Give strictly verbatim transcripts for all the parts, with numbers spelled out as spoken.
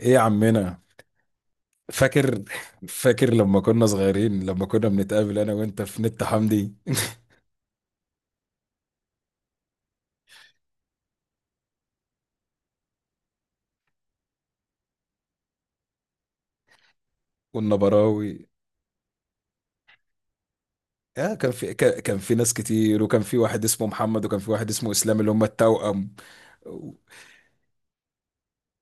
ايه يا عمنا؟ فاكر فاكر لما كنا صغيرين، لما كنا بنتقابل انا وانت في نت حمدي والنبراوي آه، كان في كا- كان في ناس كتير، وكان في واحد اسمه محمد، وكان في واحد اسمه اسلام اللي هم التوأم.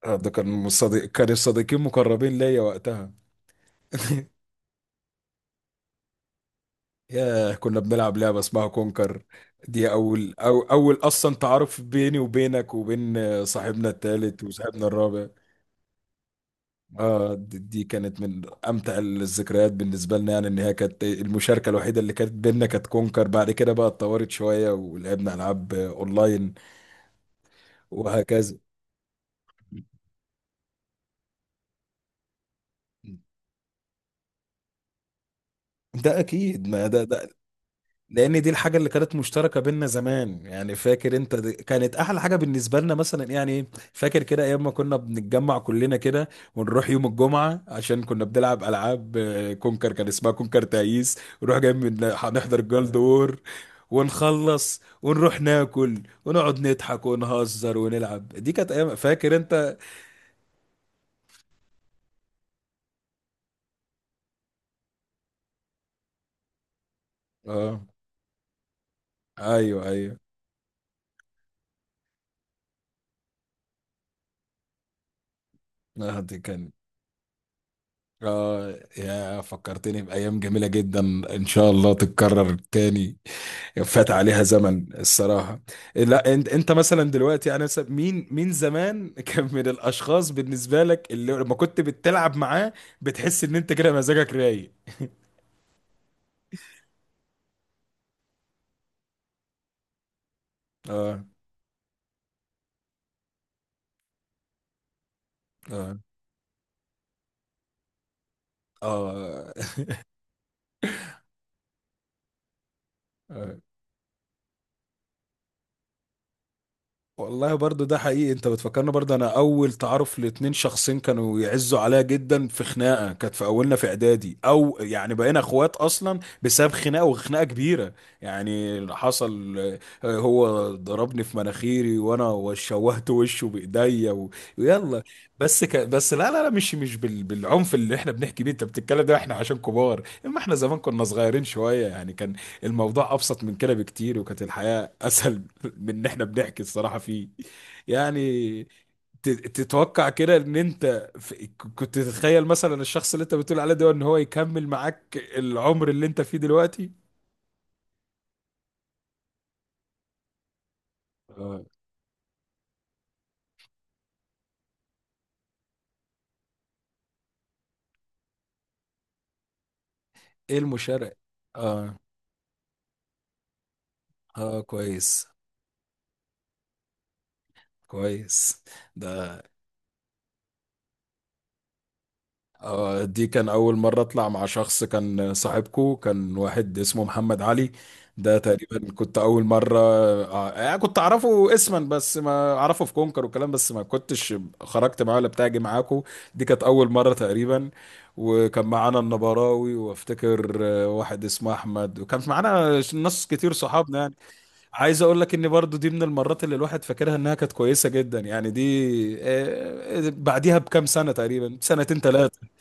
آه، ده كان صديق، كانوا صديقين مقربين ليا وقتها. ياه، كنا بنلعب لعبة اسمها كونكر. دي أول أو أول أصلا تعارف بيني وبينك وبين صاحبنا التالت وصاحبنا الرابع. اه، دي دي كانت من امتع الذكريات بالنسبه لنا، يعني ان هي كانت المشاركه الوحيده اللي كانت بينا، كانت كونكر. بعد كده بقى اتطورت شويه ولعبنا العاب آه، اونلاين وهكذا. ده اكيد، ما ده ده لان دي الحاجه اللي كانت مشتركه بينا زمان. يعني فاكر انت، دي كانت احلى حاجه بالنسبه لنا مثلا، يعني إيه؟ فاكر كده ايام ما كنا بنتجمع كلنا كده، ونروح يوم الجمعه عشان كنا بنلعب العاب آه، كونكر، كان اسمها كونكر تعيس، ونروح جاي من هنحضر جولد وور، ونخلص ونروح ناكل، ونقعد نضحك ونهزر ونلعب. دي كانت ايام، فاكر انت؟ اه، ايوه ايوه. آه، دي كان اه، يا فكرتني بأيام جميلة جدا. إن شاء الله تتكرر تاني، فات عليها زمن الصراحة. لا انت، انت مثلا دلوقتي يعني مثلاً، مين مين زمان كان من الأشخاص بالنسبة لك اللي لما كنت بتلعب معاه بتحس إن انت كده مزاجك رايق؟ اه، اه، اه. آه. والله برضو ده حقيقي، انت بتفكرنا برضو. انا اول تعارف لاتنين شخصين كانوا يعزوا عليا جدا في خناقه، كانت في اولنا في اعدادي، او يعني بقينا اخوات اصلا بسبب خناقه، وخناقه كبيره يعني اللي حصل. آه، هو ضربني في مناخيري، وانا شوهت وشه بايديا و- ويلا. بس ك... بس لا لا لا مش مش بال... بالعنف اللي احنا بنحكي بيه انت بتتكلم، ده احنا عشان كبار، اما احنا زمان كنا صغيرين شويه يعني، كان الموضوع ابسط من كده بكتير، وكانت الحياه اسهل من ان احنا بنحكي الصراحه فيه يعني. ت- تتوقع كده ان انت في- كنت تتخيل مثلا الشخص اللي انت بتقول عليه ده ان هو يكمل معاك العمر اللي انت فيه دلوقتي؟ آه. ايه المشاركه؟ اه، اه كويس. كويس. ده آه، دي كان أول مرة أطلع مع شخص كان صاحبكو، كان واحد اسمه محمد علي. ده تقريبا كنت أول مرة، آه، آه، كنت أعرفه اسما بس، ما أعرفه في كونكر والكلام بس، ما كنتش خرجت معاه ولا بتاعي معاكو. دي كانت أول مرة تقريبا. وكان معانا النبراوي، وافتكر آه، واحد اسمه أحمد، وكان معانا ناس كتير صحابنا يعني. عايز أقول لك إن برضو دي من المرات اللي الواحد فاكرها إنها كانت كويسة جدا، يعني دي آه، آه، بعديها بكام سنة تقريبا، سنتين ثلاثة.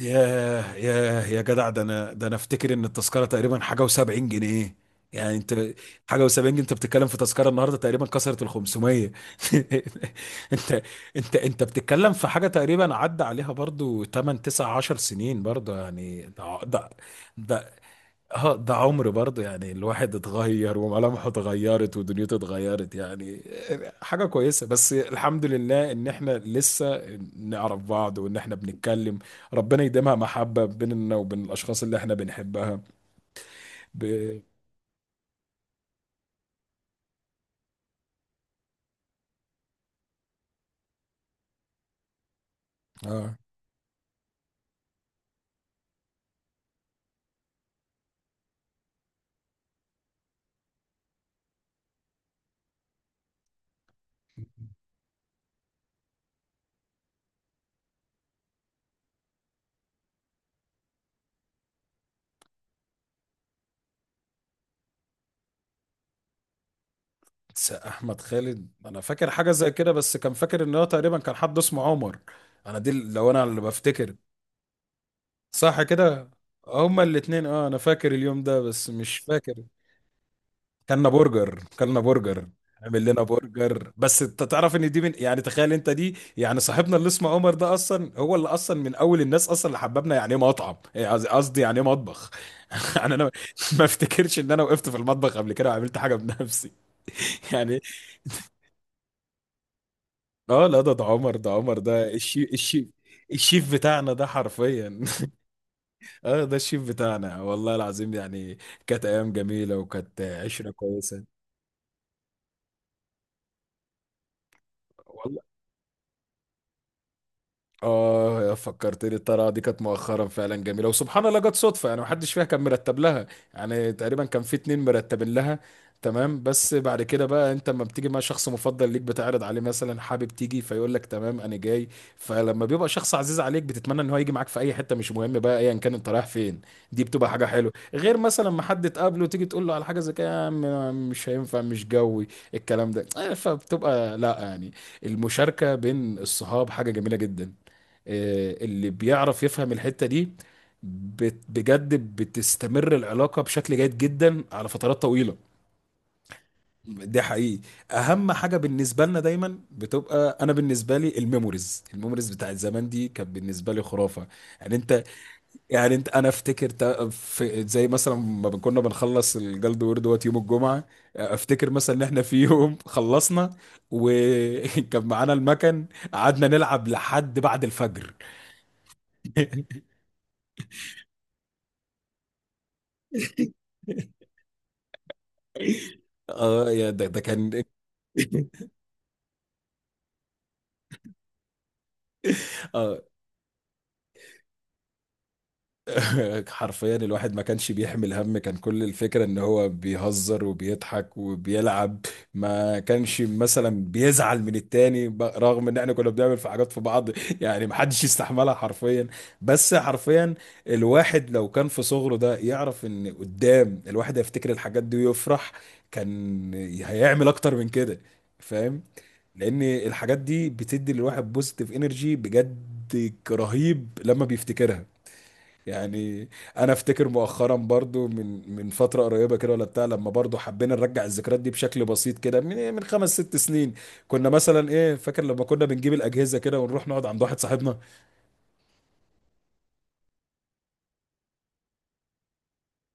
ياه، ياه، يا جدع، ده انا ده انا افتكر ان التذكره تقريبا حاجه وسبعين جنيه يعني. انت حاجه وسبعين جنيه انت بتتكلم، في تذكره النهارده تقريبا كسرت ال خمسمية. انت انت انت بتتكلم في حاجه تقريبا عدى عليها برضو تمانية تسعة عشر سنين برضو، يعني ده ده ده اه، ده عمر برضه يعني، الواحد اتغير وملامحه اتغيرت ودنيته اتغيرت يعني. حاجة كويسة، بس الحمد لله ان احنا لسه نعرف بعض وان احنا بنتكلم. ربنا يديمها محبة بيننا وبين الاشخاص اللي احنا بنحبها. ب... اه. س- احمد خالد انا فاكر حاجة زي كده، بس كان فاكر ان هو تقريبا كان حد اسمه عمر. انا دي لو انا اللي بفتكر. صح كده. هما الاتنين، اه انا فاكر اليوم ده بس مش فاكر. كلنا برجر، كلنا برجر. عمل لنا برجر. بس انت تعرف ان دي من، يعني تخيل انت، دي يعني صاحبنا اللي اسمه عمر ده اصلا، هو اللي اصلا من اول الناس اصلا اللي حببنا يعني ايه مطعم، إيه قصدي، قصدي يعني ايه مطبخ. يعني انا ما افتكرش ان انا وقفت في المطبخ قبل كده وعملت حاجه بنفسي. يعني اه لا، ده ده عمر، ده عمر ده الشيف، الشيف، الشيف بتاعنا ده حرفيا. اه، ده الشيف بتاعنا والله العظيم يعني. كانت ايام جميله، وكانت عشره كويسه. اه فكرتني، الطريقه دي كانت مؤخرا فعلا جميله، وسبحان الله جت صدفه، يعني محدش فيها كان مرتب لها. يعني تقريبا كان في اتنين مرتبين لها. تمام. بس بعد كده بقى انت لما بتيجي مع شخص مفضل ليك بتعرض عليه مثلا حابب تيجي، فيقول لك تمام انا جاي. فلما بيبقى شخص عزيز عليك بتتمنى ان هو يجي معاك في اي حته مش مهم بقى ايا كان انت رايح فين. دي بتبقى حاجه حلوه، غير مثلا ما حد تقابله تيجي تقول له على حاجه زي كده يا عم، مش هينفع مش جوي الكلام ده، آه، فبتبقى لا يعني. المشاركه بين الصحاب حاجه جميله جدا، آه، اللي بيعرف يفهم الحتة دي بت- بجد بتستمر العلاقة بشكل جيد جدا على فترات طويلة. ده حقيقي. اهم حاجة بالنسبة لنا دايما بتبقى، انا بالنسبة لي الميموريز، الميموريز بتاعت زمان دي كانت بالنسبة لي خرافة. يعني انت، يعني انت انا افتكر تا- في زي مثلا ما بن- كنا بنخلص الجلد وورد دوت يوم الجمعة. افتكر مثلا ان احنا في يوم خلصنا، وكان معانا المكن، قعدنا نلعب لحد بعد الفجر. اه يا، ده ده كان اه. حرفيا الواحد ما كانش بيحمل هم، كان كل الفكرة ان هو بيهزر وبيضحك وبيلعب. ما كانش مثلا بيزعل من التاني، ب- رغم ان احنا كنا بنعمل في حاجات في بعض يعني ما حدش يستحملها حرفيا. بس حرفيا الواحد لو كان في صغره ده يعرف ان قدام الواحد هيفتكر الحاجات دي ويفرح، كان هيعمل اكتر من كده. لان الحاجات دي بتدي للواحد بوزيتيف انرجي بجد، رهيب لما بيفتكرها يعني. انا افتكر مؤخرا برضو، من من فتره قريبه كده ولا بتاع، لما برضو حبينا نرجع الذكريات دي بشكل بسيط كده من إيه، من خمس ست سنين. كنا مثلا ايه، فاكر لما كنا بنجيب الاجهزه كده ونروح نقعد عند واحد صاحبنا؟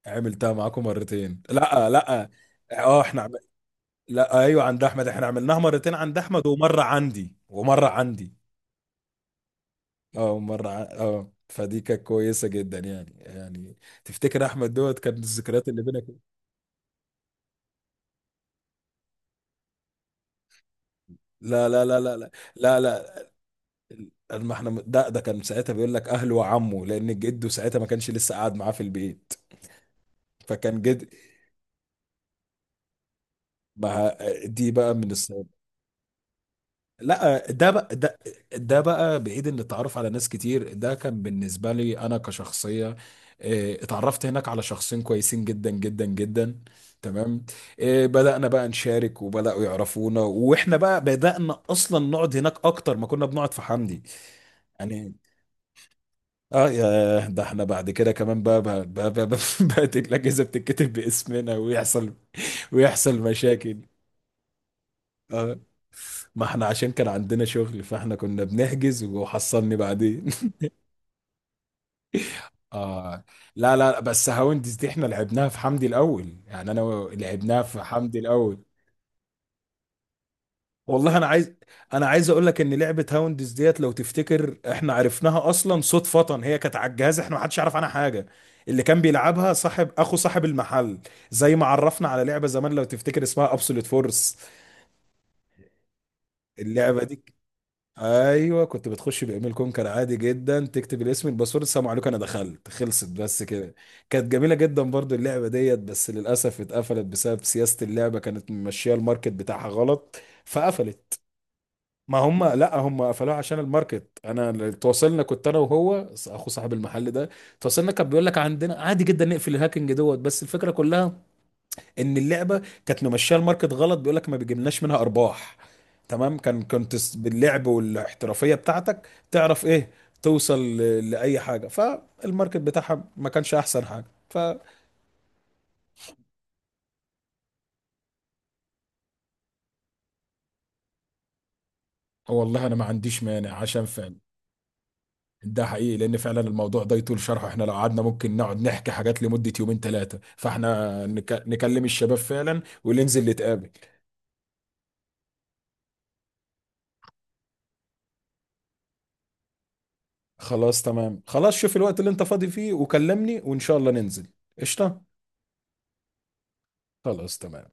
عملتها معاكم مرتين، لا لا. اه احنا عم... لا ايوه، عند احمد احنا عملناها مرتين، عند احمد ومره عندي، ومره عندي. اه مرة ع- اه فدي كانت كويسة جدا يعني يعني. تفتكر احمد دوت كان الذكريات اللي بينك؟ لا لا لا لا لا لا لا ما احنا، ده ده كان ساعتها بيقول لك اهله وعمه، لان جده ساعتها ما كانش لسه قاعد معاه في البيت. فكان جد ما. دي بقى من الس... لا ده بقى ده، ده بقى بعيد عن التعرف على ناس كتير. ده كان بالنسبة لي أنا كشخصية، آه، اتعرفت هناك على شخصين كويسين جدا جدا جدا. تمام. آه، بدأنا بقى نشارك وبدأوا يعرفونا، وإحنا بقى بدأنا أصلا نقعد هناك أكتر ما كنا بنقعد في حمدي يعني. اه يا، ده احنا بعد كده كمان بقى بقى بقى, بقى, بقى, بقى الأجهزة بتتكتب باسمنا، ويحصل ويحصل مشاكل. اه، ما احنا عشان كان عندنا شغل، فاحنا كنا بنحجز وحصلني بعدين. اه لا لا، بس هاوندز دي احنا لعبناها في حمدي الاول، يعني انا و- لعبناها في حمدي الاول. والله انا عايز، انا عايز اقول لك ان لعبه هاوندز ديت لو تفتكر احنا عرفناها اصلا صدفه، هي كانت على الجهاز، احنا ما حدش يعرف عنها حاجه، اللي كان بيلعبها صاحب اخو صاحب المحل. زي ما عرفنا على لعبه زمان لو تفتكر اسمها ابسولوت فورس، اللعبه دي. ايوه كنت بتخش بايميل كونكر عادي جدا، تكتب الاسم الباسورد، السلام عليكم انا دخلت، خلصت بس كده. كانت جميله جدا برضو اللعبه ديت، بس للاسف اتقفلت بسبب سياسه، اللعبه كانت ماشيه الماركت بتاعها غلط فقفلت. ما هم، لا هم قفلوها عشان الماركت. انا اللي تواصلنا، كنت انا وهو اخو صاحب المحل ده. تواصلنا كان بيقول لك عندنا عادي جدا نقفل الهاكينج دوت، بس الفكره كلها ان اللعبه كانت ممشيه الماركت غلط، بيقول لك ما بيجيبلناش منها ارباح. تمام، كان كنت س- باللعب والاحترافيه بتاعتك تعرف ايه، توصل ل- لاي حاجه، فالماركت بتاعها ما كانش احسن حاجه ف. والله انا ما عنديش مانع عشان فعلا، ده حقيقي. لان فعلا الموضوع ده يطول شرحه، احنا لو قعدنا ممكن نقعد نحكي حاجات لمدة يومين ثلاثة، فاحنا نك... نكلم الشباب فعلا وننزل نتقابل. خلاص تمام. خلاص شوف الوقت اللي انت فاضي فيه وكلمني، وان شاء الله ننزل. قشطه. خلاص تمام.